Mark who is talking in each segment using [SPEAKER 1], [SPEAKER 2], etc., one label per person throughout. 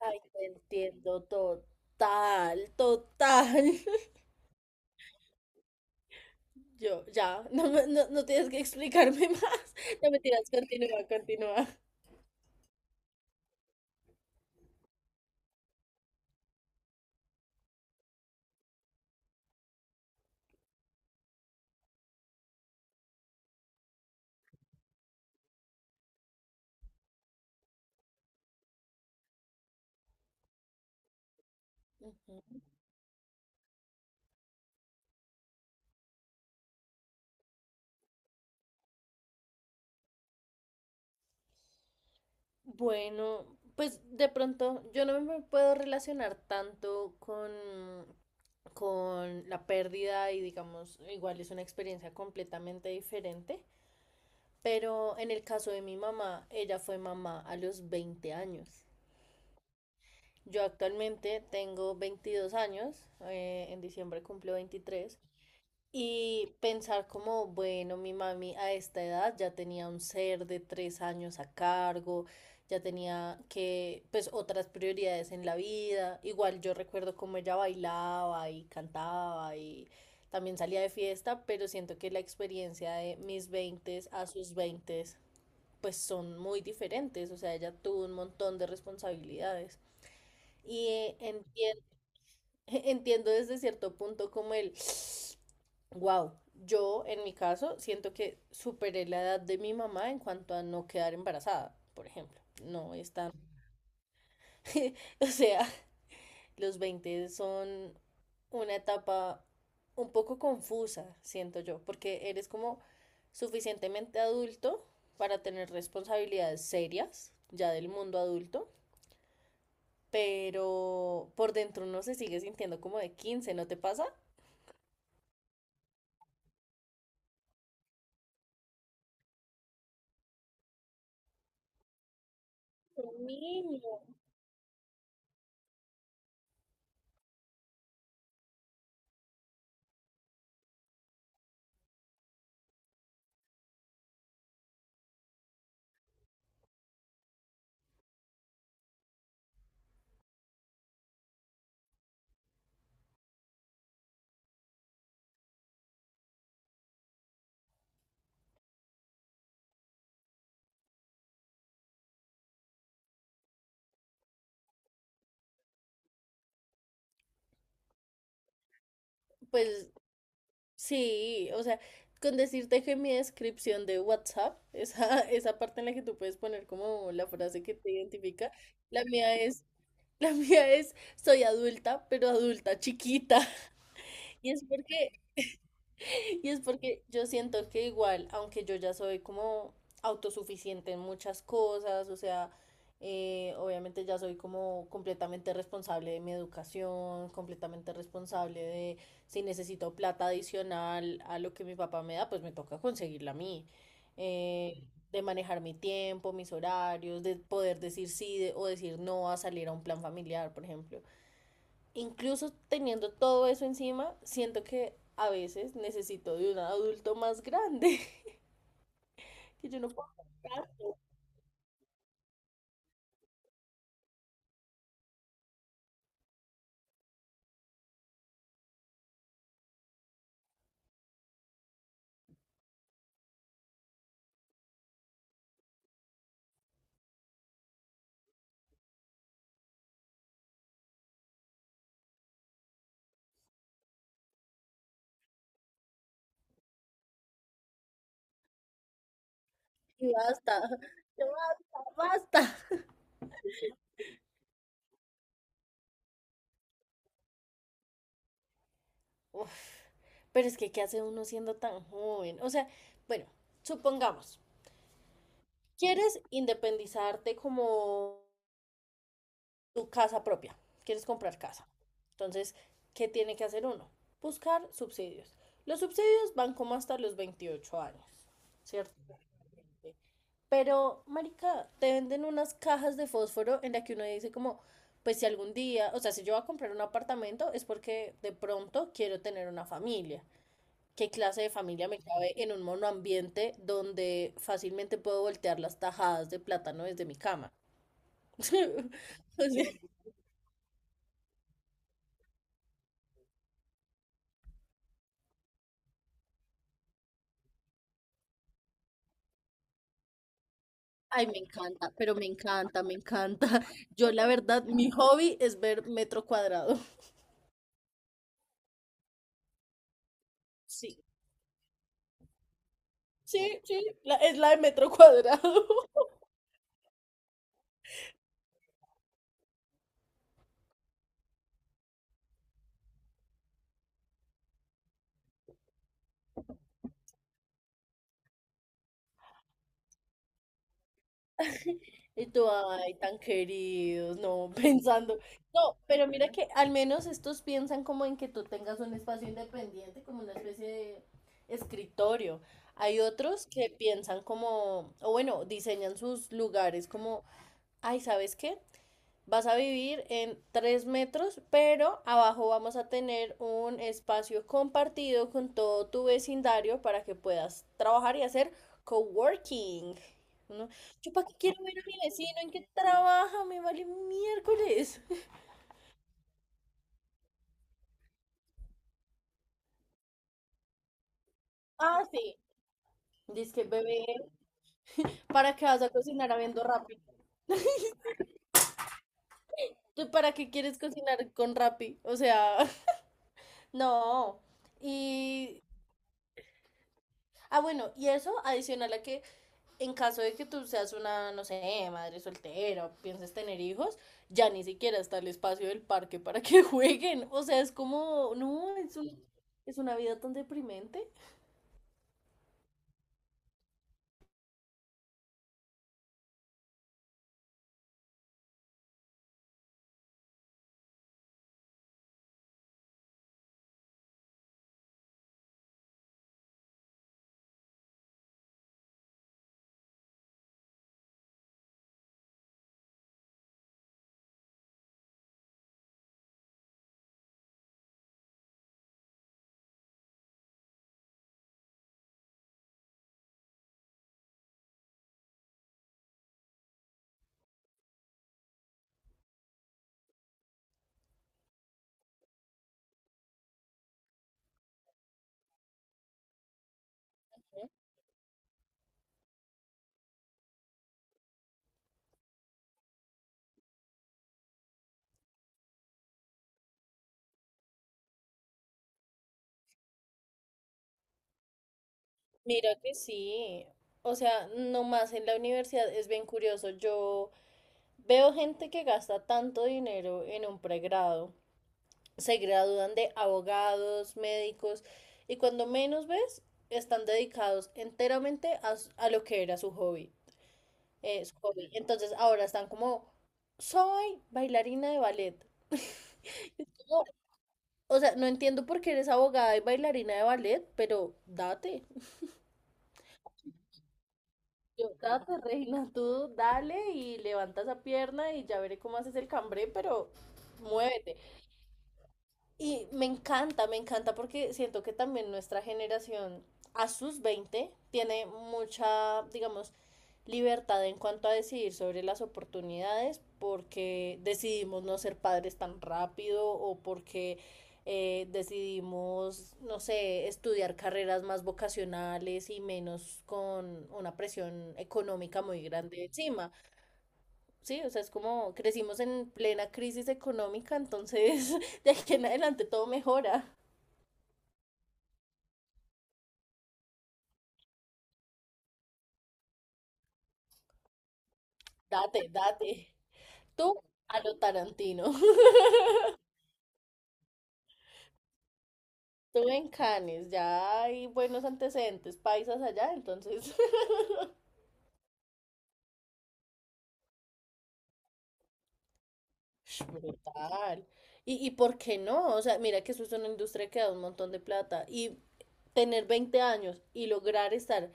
[SPEAKER 1] Ay, te entiendo total, total. Yo, ya, no, no, no tienes que explicarme más. No me tiras, continúa, continúa. Ujú. Bueno, pues de pronto yo no me puedo relacionar tanto con la pérdida y digamos, igual es una experiencia completamente diferente, pero en el caso de mi mamá, ella fue mamá a los 20 años. Yo actualmente tengo 22 años, en diciembre cumplo 23 y pensar como, bueno, mi mami a esta edad ya tenía un ser de tres años a cargo, ya tenía que, pues, otras prioridades en la vida. Igual yo recuerdo cómo ella bailaba y cantaba y también salía de fiesta, pero siento que la experiencia de mis veintes a sus veintes pues son muy diferentes, o sea, ella tuvo un montón de responsabilidades. Y entiendo desde cierto punto como wow, yo en mi caso siento que superé la edad de mi mamá en cuanto a no quedar embarazada, por ejemplo. No es tan... O sea, los 20 son una etapa un poco confusa, siento yo, porque eres como suficientemente adulto para tener responsabilidades serias ya del mundo adulto, pero por dentro uno se sigue sintiendo como de quince. ¿No te pasa? Un niño. Pues sí, o sea, con decirte que mi descripción de WhatsApp, esa, esa parte en la que tú puedes poner como la frase que te identifica, la mía es, la mía es, soy adulta, pero adulta chiquita. Y es porque y es porque yo siento que igual, aunque yo ya soy como autosuficiente en muchas cosas, o sea, obviamente ya soy como completamente responsable de mi educación, completamente responsable de si necesito plata adicional a lo que mi papá me da, pues me toca conseguirla a mí. Eh, de manejar mi tiempo, mis horarios, de poder decir sí o decir no a salir a un plan familiar, por ejemplo, incluso teniendo todo eso encima, siento que a veces necesito de un adulto más grande, que yo no puedo aguantar y basta, ya basta. Uf, pero es que, ¿qué hace uno siendo tan joven? O sea, bueno, supongamos, quieres independizarte como tu casa propia, quieres comprar casa. Entonces, ¿qué tiene que hacer uno? Buscar subsidios. Los subsidios van como hasta los 28 años, ¿cierto? Pero, marica, te venden unas cajas de fósforo en la que uno dice como, pues si algún día, o sea, si yo voy a comprar un apartamento es porque de pronto quiero tener una familia. ¿Qué clase de familia me cabe en un monoambiente donde fácilmente puedo voltear las tajadas de plátano desde mi cama? O sea, ay, me encanta, pero me encanta, me encanta. Yo la verdad, mi hobby es ver metro cuadrado. Sí, sí, sí, es la de metro cuadrado. Y tú, ay, tan queridos, no, pensando. No, pero mira que al menos estos piensan como en que tú tengas un espacio independiente, como una especie de escritorio. Hay otros que piensan como, o bueno, diseñan sus lugares como, ay, ¿sabes qué? Vas a vivir en 3 metros, pero abajo vamos a tener un espacio compartido con todo tu vecindario para que puedas trabajar y hacer coworking. ¿No? Yo para qué quiero ver a mi vecino en qué trabaja, me vale miércoles. Ah, sí. Dice que bebé, ¿para qué vas a cocinar habiendo Rappi? ¿Tú para qué quieres cocinar con Rappi? O sea, no. Y, ah, bueno, y eso adicional a que en caso de que tú seas una, no sé, madre soltera o pienses tener hijos, ya ni siquiera está el espacio del parque para que jueguen. O sea, es como, no, es una vida tan deprimente. Mira que sí. O sea, nomás en la universidad es bien curioso. Yo veo gente que gasta tanto dinero en un pregrado. Se gradúan de abogados, médicos, y cuando menos ves, están dedicados enteramente a lo que era su hobby. Es hobby. Entonces ahora están como, soy bailarina de ballet. No, o sea, no entiendo por qué eres abogada y bailarina de ballet, pero date. Yo, date, reina, tú dale y levanta esa pierna y ya veré cómo haces el cambré, pero muévete. Y me encanta porque siento que también nuestra generación a sus 20 tiene mucha, digamos, libertad en cuanto a decidir sobre las oportunidades porque decidimos no ser padres tan rápido o porque decidimos, no sé, estudiar carreras más vocacionales y menos con una presión económica muy grande encima. Sí, o sea, es como crecimos en plena crisis económica, entonces de aquí en adelante todo mejora. Date, date. Tú a lo Tarantino. Tú en Cannes, ya hay buenos antecedentes paisas allá, entonces. Sh, brutal. Y, ¿y por qué no? O sea, mira que eso es una industria que da un montón de plata. Y tener 20 años y lograr estar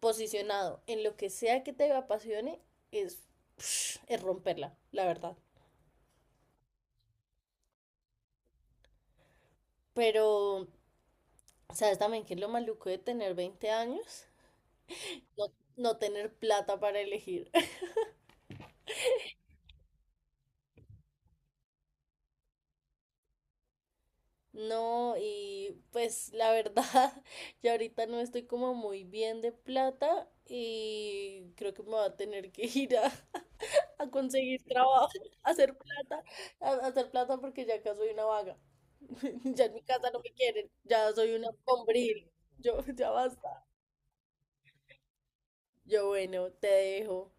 [SPEAKER 1] posicionado en lo que sea que te apasione es, es romperla, la verdad. Pero ¿sabes también que es lo maluco de tener 20 años? No, no tener plata para elegir. No, y pues la verdad, yo ahorita no estoy como muy bien de plata y creo que me va a tener que ir a conseguir trabajo, a hacer plata, a hacer plata porque ya acá soy una vaga. Ya en mi casa no me quieren, ya soy una hombril. Yo, ya basta. Yo, bueno, te dejo.